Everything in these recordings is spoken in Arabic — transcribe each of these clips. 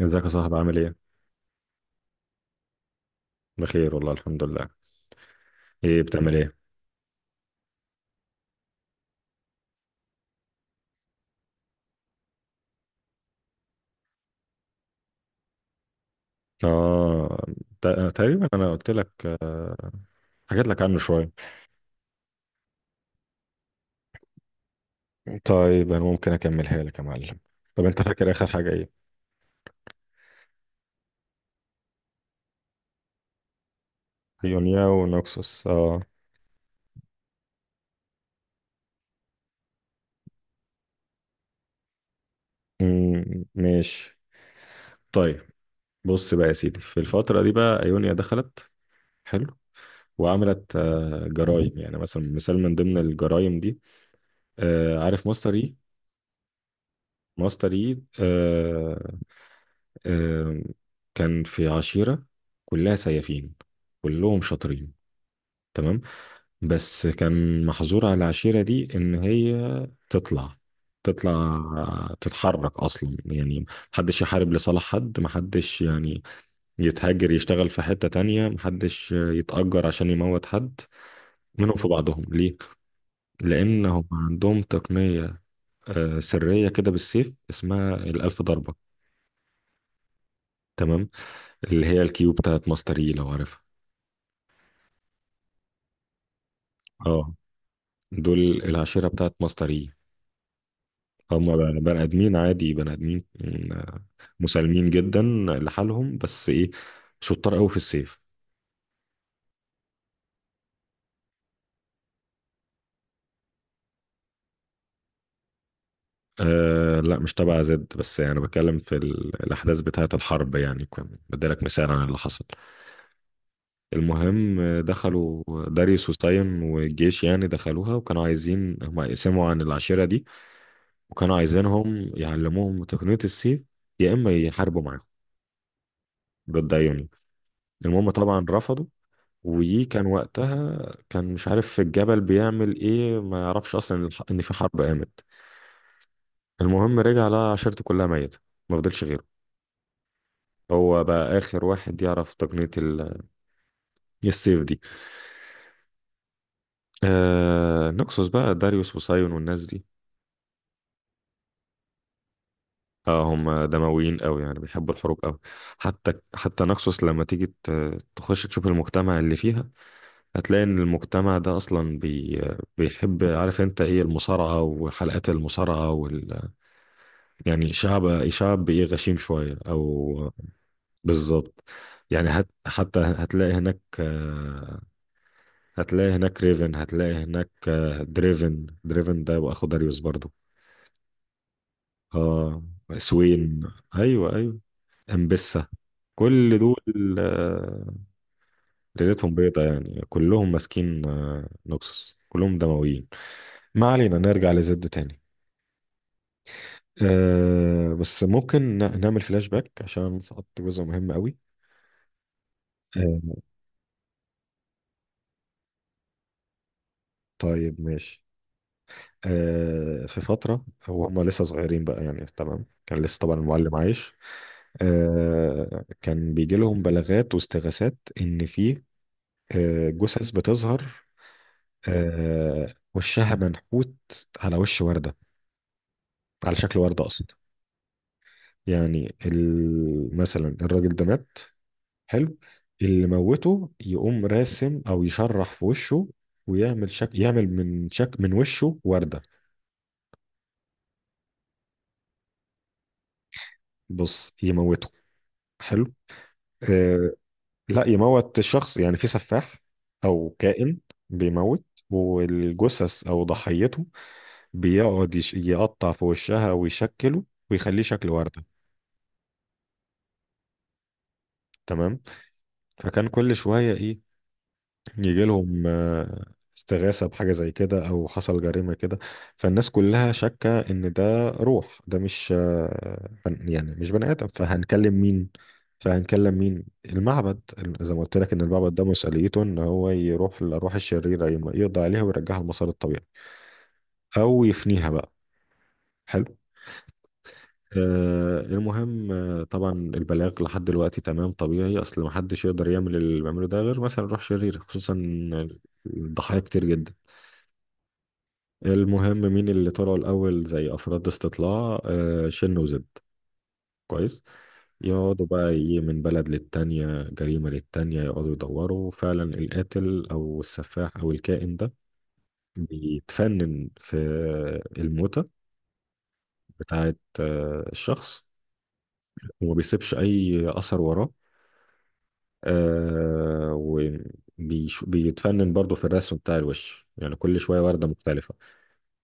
ازيك يا صاحبي؟ عامل ايه؟ بخير والله، الحمد لله. ايه بتعمل ايه؟ اه، تقريبا انا قلت لك، حكيت لك عنه شوية. طيب انا ممكن اكملها لك يا معلم. طب انت فاكر اخر حاجة ايه؟ يونيا ونوكسوس، اه. ماشي. طيب، بص بقى يا سيدي، في الفترة دي بقى ايونيا دخلت، حلو، وعملت جرايم، يعني مثلا مثال من ضمن الجرايم دي، عارف ماستر اي؟ ماستر اي، آم، كان في عشيرة كلها سيافين، كلهم شاطرين، تمام؟ بس كان محظور على العشيرة دي إن هي تطلع، تطلع تتحرك أصلا، يعني محدش يحارب لصالح حد، محدش يعني يتهاجر يشتغل في حتة تانية، محدش يتأجر عشان يموت حد منهم في بعضهم. ليه؟ لأنهم عندهم تقنية سرية كده بالسيف اسمها الألف ضربة، تمام؟ اللي هي الكيو بتاعت ماستري لو عارفها. اه، دول العشيرة بتاعت مصري. هم بني آدمين عادي، بني آدمين، آه، مسالمين جدا لحالهم، بس إيه، شطار قوي في السيف. آه لا، مش تبع زد، بس يعني بتكلم في الأحداث بتاعة الحرب، يعني كان بديلك مثال عن اللي حصل. المهم، دخلوا داريوس وساين والجيش، يعني دخلوها وكانوا عايزين هم يقسموا عن العشيرة دي، وكانوا عايزينهم يعلموهم تقنية السيف يا إما يحاربوا معاهم ضد أيوني. المهم طبعا رفضوا، وكان وقتها كان مش عارف في الجبل بيعمل ايه، ما يعرفش اصلا إن ان في حرب قامت. المهم رجع لقى عشيرته كلها ميتة، ما فضلش غيره، هو بقى اخر واحد يعرف تقنية السيف دي. آه، نكسوس بقى، داريوس وسايون والناس دي. اه، هم دمويين قوي، يعني بيحبوا الحروب قوي، حتى نكسوس لما تيجي تخش تشوف المجتمع اللي فيها، هتلاقي ان المجتمع ده اصلا بيحب، عارف انت ايه المصارعة وحلقات المصارعة؟ يعني شعب، ايه، غشيم شوية او، بالظبط، يعني حتى هتلاقي هناك هتلاقي هناك ريفن، هتلاقي هناك دريفن. دريفن ده واخو داريوس برضو، اه. سوين، ايوه ايوه، امبسة، كل دول، آه، ليلتهم بيضة، يعني كلهم ماسكين نوكسوس، كلهم دمويين. ما علينا، نرجع لزد تاني. أه، بس ممكن نعمل فلاش باك عشان سقطت جزء مهم قوي. أه، طيب ماشي. في فترة هو، هما لسه صغيرين بقى يعني، تمام؟ كان لسه طبعا المعلم عايش. كان بيجي لهم بلاغات واستغاثات إن في جثث بتظهر، آه، وشها منحوت على وش وردة، على شكل وردة أقصد. يعني مثلا الراجل ده مات، حلو، اللي موته يقوم راسم أو يشرح في وشه ويعمل شك، يعمل من شك من وشه وردة. بص، يموته، حلو، آه، لا يموت الشخص، يعني في سفاح او كائن بيموت، والجثث او ضحيته بيقعد يقطع في وشها ويشكله ويخليه شكل وردة. تمام. فكان كل شوية إيه، يجي لهم استغاثة بحاجة زي كده أو حصل جريمة كده. فالناس كلها شاكة إن ده روح، ده مش يعني مش بني آدم، فهنكلم مين؟ المعبد، زي ما قلت لك إن المعبد ده مسؤوليته إن هو يروح للأرواح الشريرة يقضي عليها ويرجعها لمسار الطبيعي أو يفنيها بقى. حلو. آه، المهم، آه، طبعا البلاغ لحد دلوقتي تمام طبيعي، اصل محدش يقدر يعمل اللي بيعمله ده غير مثلا روح شريرة، خصوصا الضحايا كتير جدا. المهم مين اللي طلعوا الأول زي أفراد استطلاع؟ شن وزد، كويس، يقعدوا بقى إيه، من بلد للتانية، جريمة للتانية، يقعدوا يدوروا فعلا القاتل أو السفاح أو الكائن ده بيتفنن في الموتة بتاعة الشخص، وما بيسيبش أي أثر وراه، آه، بيتفنن برضه في الرسم بتاع الوش، يعني كل شوية وردة مختلفة.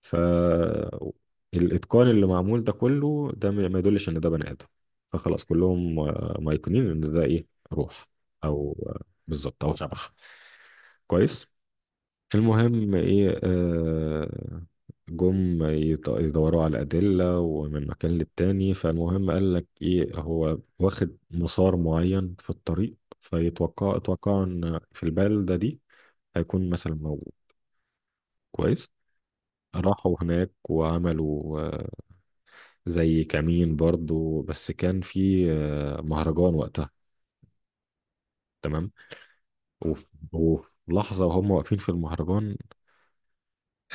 فالإتقان اللي معمول ده كله ده ما يدلش إن ده بني آدم، فخلاص كلهم مايقنين إن ده إيه، روح أو بالظبط، أو شبح، كويس. المهم إيه، جم يدوروا على أدلة ومن مكان للتاني، فالمهم قال لك إيه، هو واخد مسار معين في الطريق، اتوقع إن في البلدة دي هيكون مثلا موجود. كويس، راحوا هناك وعملوا زي كمين برضو، بس كان في مهرجان وقتها، تمام؟ وف- وفي لحظة وهم واقفين في المهرجان،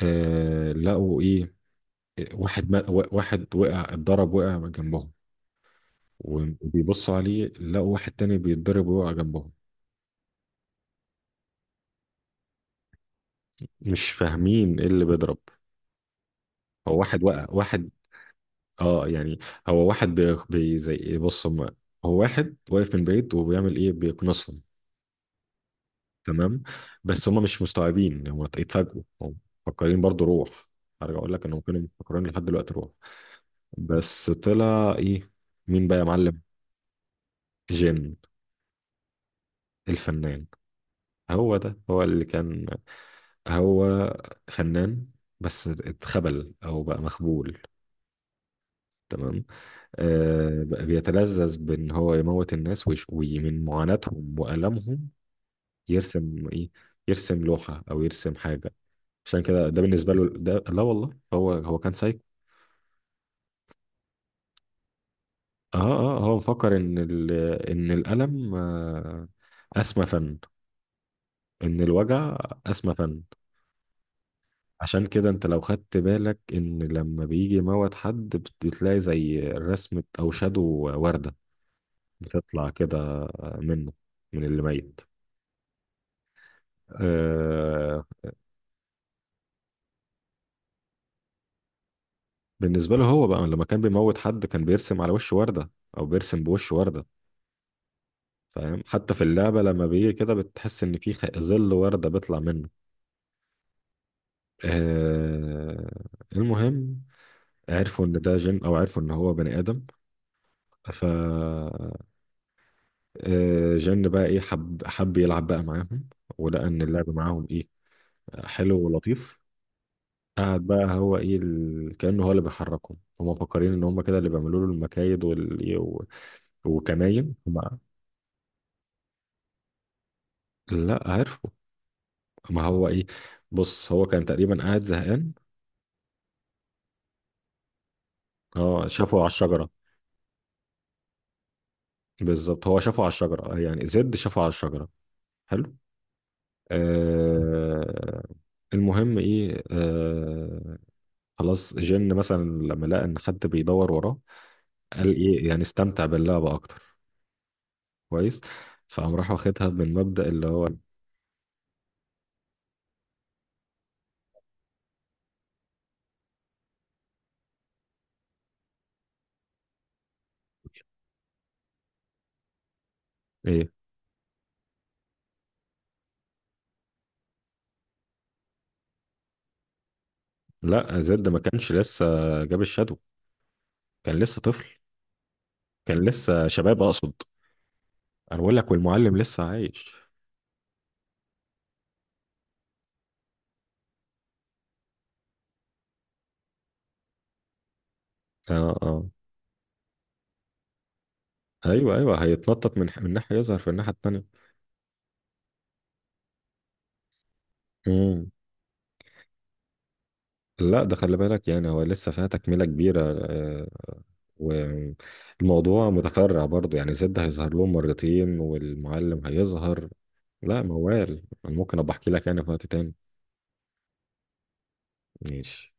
آه لقوا ايه، واحد ما واحد وقع، اتضرب، وقع من جنبهم، وبيبصوا عليه لقوا واحد تاني بيتضرب ويقع جنبهم. مش فاهمين ايه اللي بيضرب، هو واحد وقع واحد، اه يعني، هو واحد زي ايه، بص هو واحد واقف من بعيد وبيعمل ايه، بيقنصهم. تمام. بس هم مش مستوعبين، هم اتفاجئوا، هم مفكرين برضو روح. هرجع اقول لك انهم كانوا مفكرين لحد دلوقتي روح. بس طلع ايه، مين بقى يا معلم؟ جن، الفنان. هو اللي كان، هو فنان بس اتخبل او بقى مخبول، تمام؟ آه، بقى بيتلذذ بان هو يموت الناس ومن معاناتهم والامهم يرسم ايه، يرسم لوحة او يرسم حاجة، عشان كده ده بالنسبة له ده، لا والله، هو كان سايكو. اه اه، هو مفكر ان ان الالم اسمى فن، ان الوجع اسمى فن. عشان كده انت لو خدت بالك ان لما بيجي موت حد بتلاقي زي رسمة او شادو وردة بتطلع كده منه، من اللي ميت، آه. بالنسبة له هو بقى لما كان بيموت حد كان بيرسم على وش وردة، او بيرسم بوش وردة، فاهم؟ حتى في اللعبة لما بيجي كده بتحس ان في ظل وردة بيطلع منه، آه. المهم، عرفوا ان ده جن او عرفوا ان هو بني ادم. ف جن بقى ايه، حب يلعب بقى معاهم، ولقى ان اللعب معاهم ايه، حلو ولطيف. قعد بقى هو ايه كأنه هو اللي بيحركهم، هم مفكرين ان هم كده اللي بيعملوا له المكايد وكماين لا، عرفوا، ما هو ايه، بص هو كان تقريبا قاعد زهقان. اه، شافه على الشجرة، بالظبط، هو شافه على الشجرة يعني، زد شافه على الشجرة. حلو، آه. المهم ايه، آه، خلاص جن مثلا لما لقى ان حد بيدور وراه، قال ايه، يعني استمتع باللعبة اكتر. كويس، فقام راح واخدها من مبدأ اللي هو ايه. لا، زد ما كانش لسه جاب الشادو، كان لسه طفل، كان لسه شباب اقصد. انا بقول لك والمعلم لسه عايش. اه اه، ايوه هيتنطط من ناحية يظهر في الناحية التانية. مم. لا، ده خلي بالك، يعني هو لسه فيها تكملة كبيرة، آه، والموضوع متفرع برضو، يعني زد هيظهر لهم مرتين والمعلم هيظهر. لا موال، انا ممكن ابقى احكي لك انا في وقت تاني. ماشي.